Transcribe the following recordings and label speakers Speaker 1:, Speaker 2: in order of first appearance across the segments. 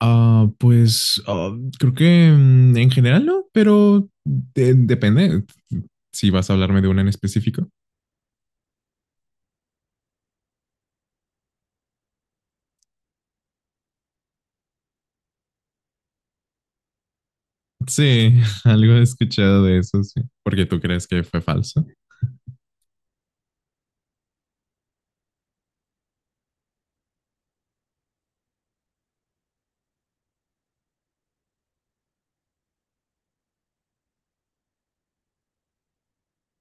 Speaker 1: Ah, pues ah, creo que en general no, pero depende si vas a hablarme de una en específico. Sí, algo he escuchado de eso, sí. Porque tú crees que fue falso.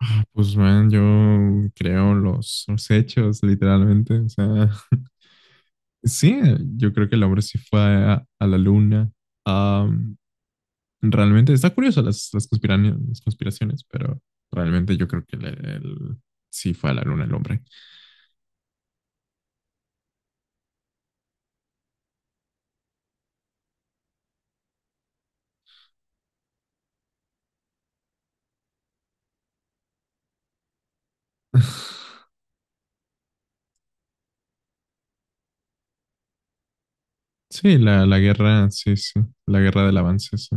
Speaker 1: Pues man, yo creo los hechos, literalmente. O sea, sí, yo creo que el hombre sí fue a la luna. Am, realmente está curioso las conspiraciones, pero realmente yo creo que sí fue a la luna el hombre. Sí, la guerra, sí, sí, la guerra del avance, sí.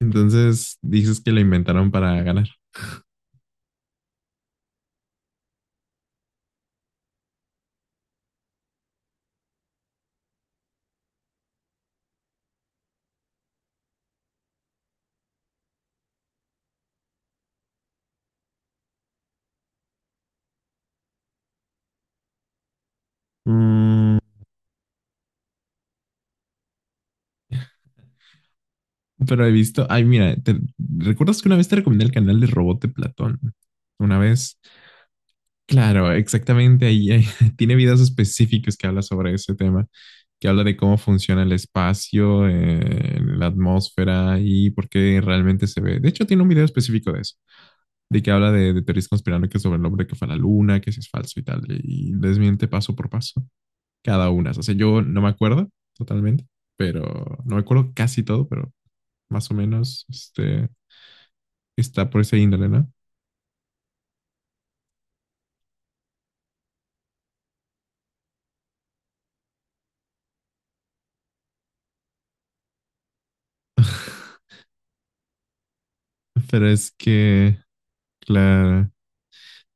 Speaker 1: Entonces, dices que la inventaron para ganar. Mm, pero he visto, ay, mira, te, ¿recuerdas que una vez te recomendé el canal de Robot de Platón? Una vez, claro, exactamente ahí tiene videos específicos que habla sobre ese tema, que habla de cómo funciona el espacio, la atmósfera y por qué realmente se ve. De hecho, tiene un video específico de eso, de que habla de teorías conspiranoicas sobre el hombre que fue a la luna, que si es falso y tal, y desmiente paso por paso cada una. O sea, yo no me acuerdo totalmente, pero no me acuerdo casi todo, pero más o menos, está por esa índole, ¿no? Pero es que, claro,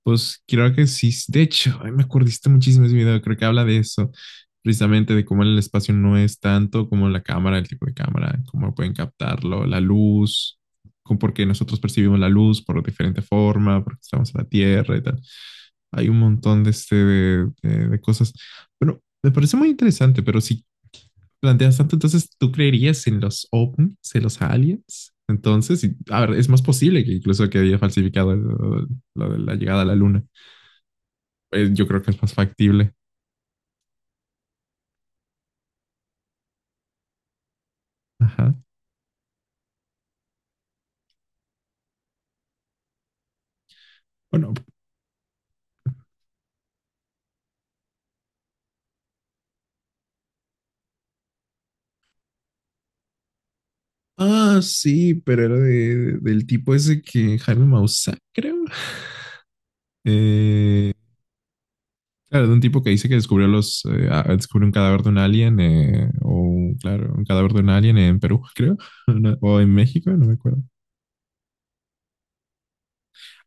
Speaker 1: pues creo que sí. De hecho, ay, me acordiste muchísimo de ese video, creo que habla de eso, precisamente de cómo el espacio no es tanto como la cámara, el tipo de cámara, cómo pueden captarlo, la luz, porque nosotros percibimos la luz por diferente forma, porque estamos en la Tierra y tal. Hay un montón de, de cosas. Bueno, me parece muy interesante, pero si planteas tanto, entonces tú creerías en los ovnis, en los aliens. Entonces, a ver, es más posible que incluso que haya falsificado lo, de la llegada a la luna. Yo creo que es más factible. Ajá. Bueno, ah, sí, pero era del tipo ese que Jaime Maussan, creo. Eh, claro, de un tipo que dice que descubrió los, descubrió un cadáver de un alien, o claro, un cadáver de un alien en Perú, creo, o en México, no me acuerdo.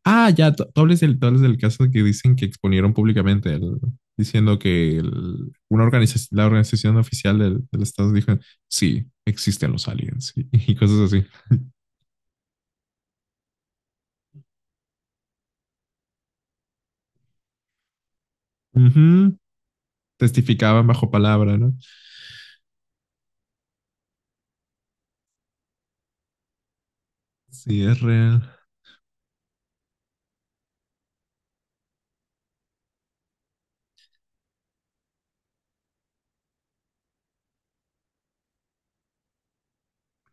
Speaker 1: Ah, ya, tú hablas del, tú hablas del caso que dicen que exponieron públicamente, diciendo que una organización, la organización oficial del, del Estado dijo, sí, existen los aliens y, y cosas así. Ujú, testificaban bajo palabra, ¿no? Sí, es real.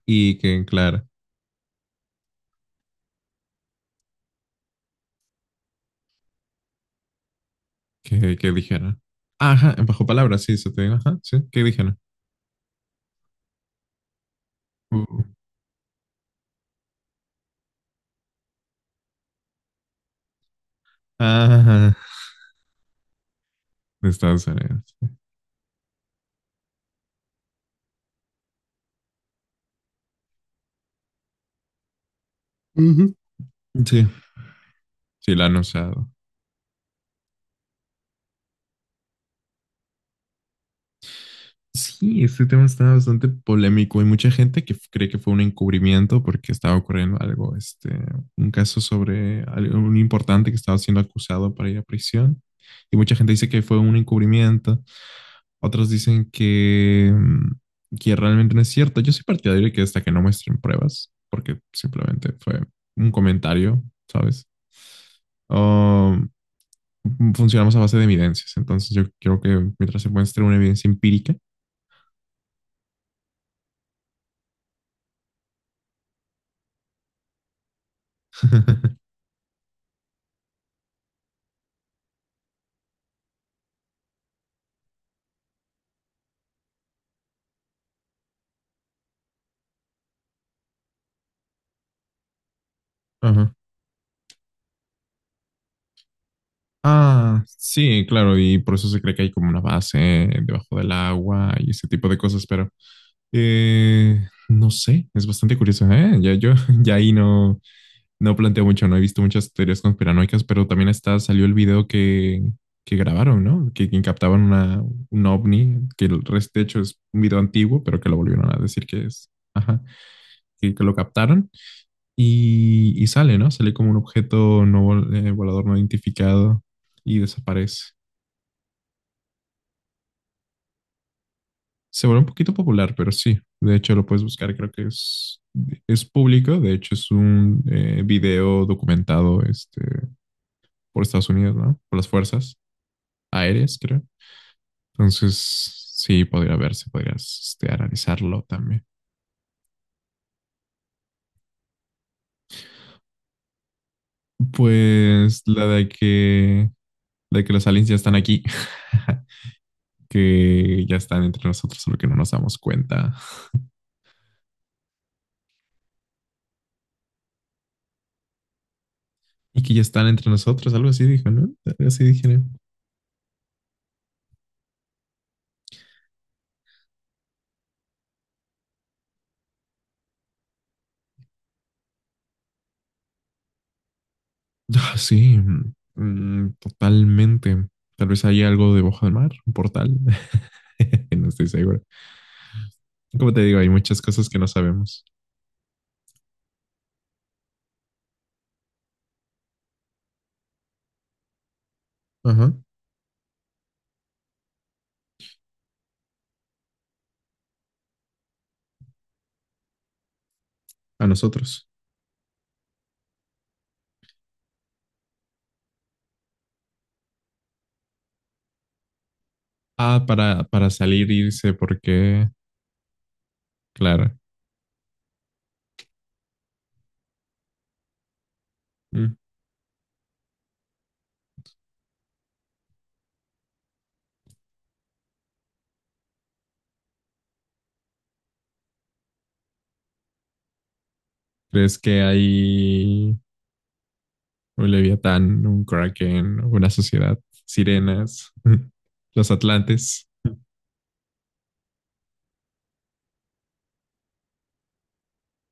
Speaker 1: Y que, claro, que dijeron. Ajá, bajo palabra, sí, se te digo, ajá, sí, ¿qué dijeron? Uh, ajá, de Estados Unidos. Ujú. Sí, sí, lo han usado. Sí, este tema está bastante polémico. Hay mucha gente que cree que fue un encubrimiento porque estaba ocurriendo algo, un caso sobre algo un importante que estaba siendo acusado para ir a prisión. Y mucha gente dice que fue un encubrimiento. Otros dicen que, que realmente no es cierto. Yo soy partidario de que hasta que no muestren pruebas, porque simplemente fue un comentario, ¿sabes? Oh, funcionamos a base de evidencias. Entonces yo creo que mientras se muestre una evidencia empírica. Ajá. Ah, sí, claro, y por eso se cree que hay como una base debajo del agua y ese tipo de cosas, pero no sé, es bastante curioso, ¿eh? Ya yo, ya ahí no, no planteo mucho, no he visto muchas teorías conspiranoicas, pero también está, salió el video que grabaron, ¿no? Que captaban una, un ovni, que el resto, de hecho, es un video antiguo, pero que lo volvieron a decir que es, ajá, que lo captaron. Y sale, ¿no? Sale como un objeto volador no identificado y desaparece. Se vuelve un poquito popular, pero sí. De hecho, lo puedes buscar, creo que es público. De hecho, es un video documentado por Estados Unidos, ¿no? Por las fuerzas aéreas, creo. Entonces, sí, podría verse, podrías analizarlo también. Pues la de que los aliens ya están aquí, que ya están entre nosotros, solo que no nos damos cuenta. Y que ya están entre nosotros, algo así dijo, ¿no? Algo así dijeron. Ah, sí, mm, totalmente. Tal vez haya algo debajo del mar, un portal. No estoy seguro. Como te digo, hay muchas cosas que no sabemos. Ajá. A nosotros. Ah, para salir, irse, porque, claro. Mm. ¿Crees que hay un leviatán, un kraken, una sociedad, sirenas, los atlantes?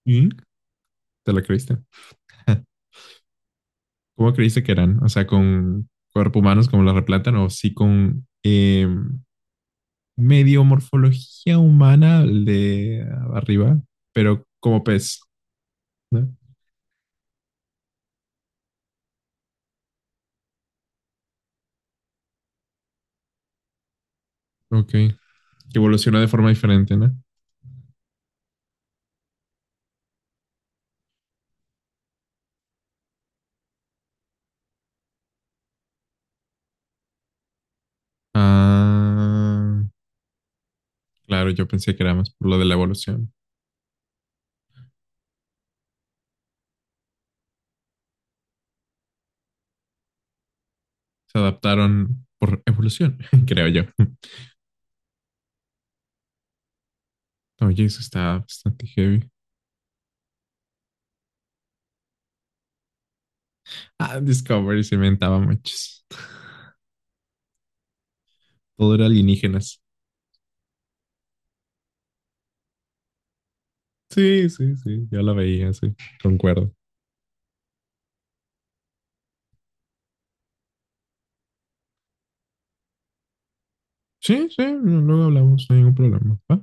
Speaker 1: Mm. ¿Te lo creíste? ¿Cómo creíste que eran? O sea, con cuerpo humanos como los replatan o sí con medio morfología humana el de arriba, pero como pez, ¿no? Ok, que evolucionó de forma diferente, ¿no? Ah, claro, yo pensé que era más por lo de la evolución. Se adaptaron por evolución, creo yo. Oye, eso está bastante heavy. Ah, Discovery se inventaba muchos. Todo era alienígenas. Sí, sí, sí, yo la veía, sí, concuerdo. Sí, sí, luego hablamos, no hay ningún problema. ¿Va?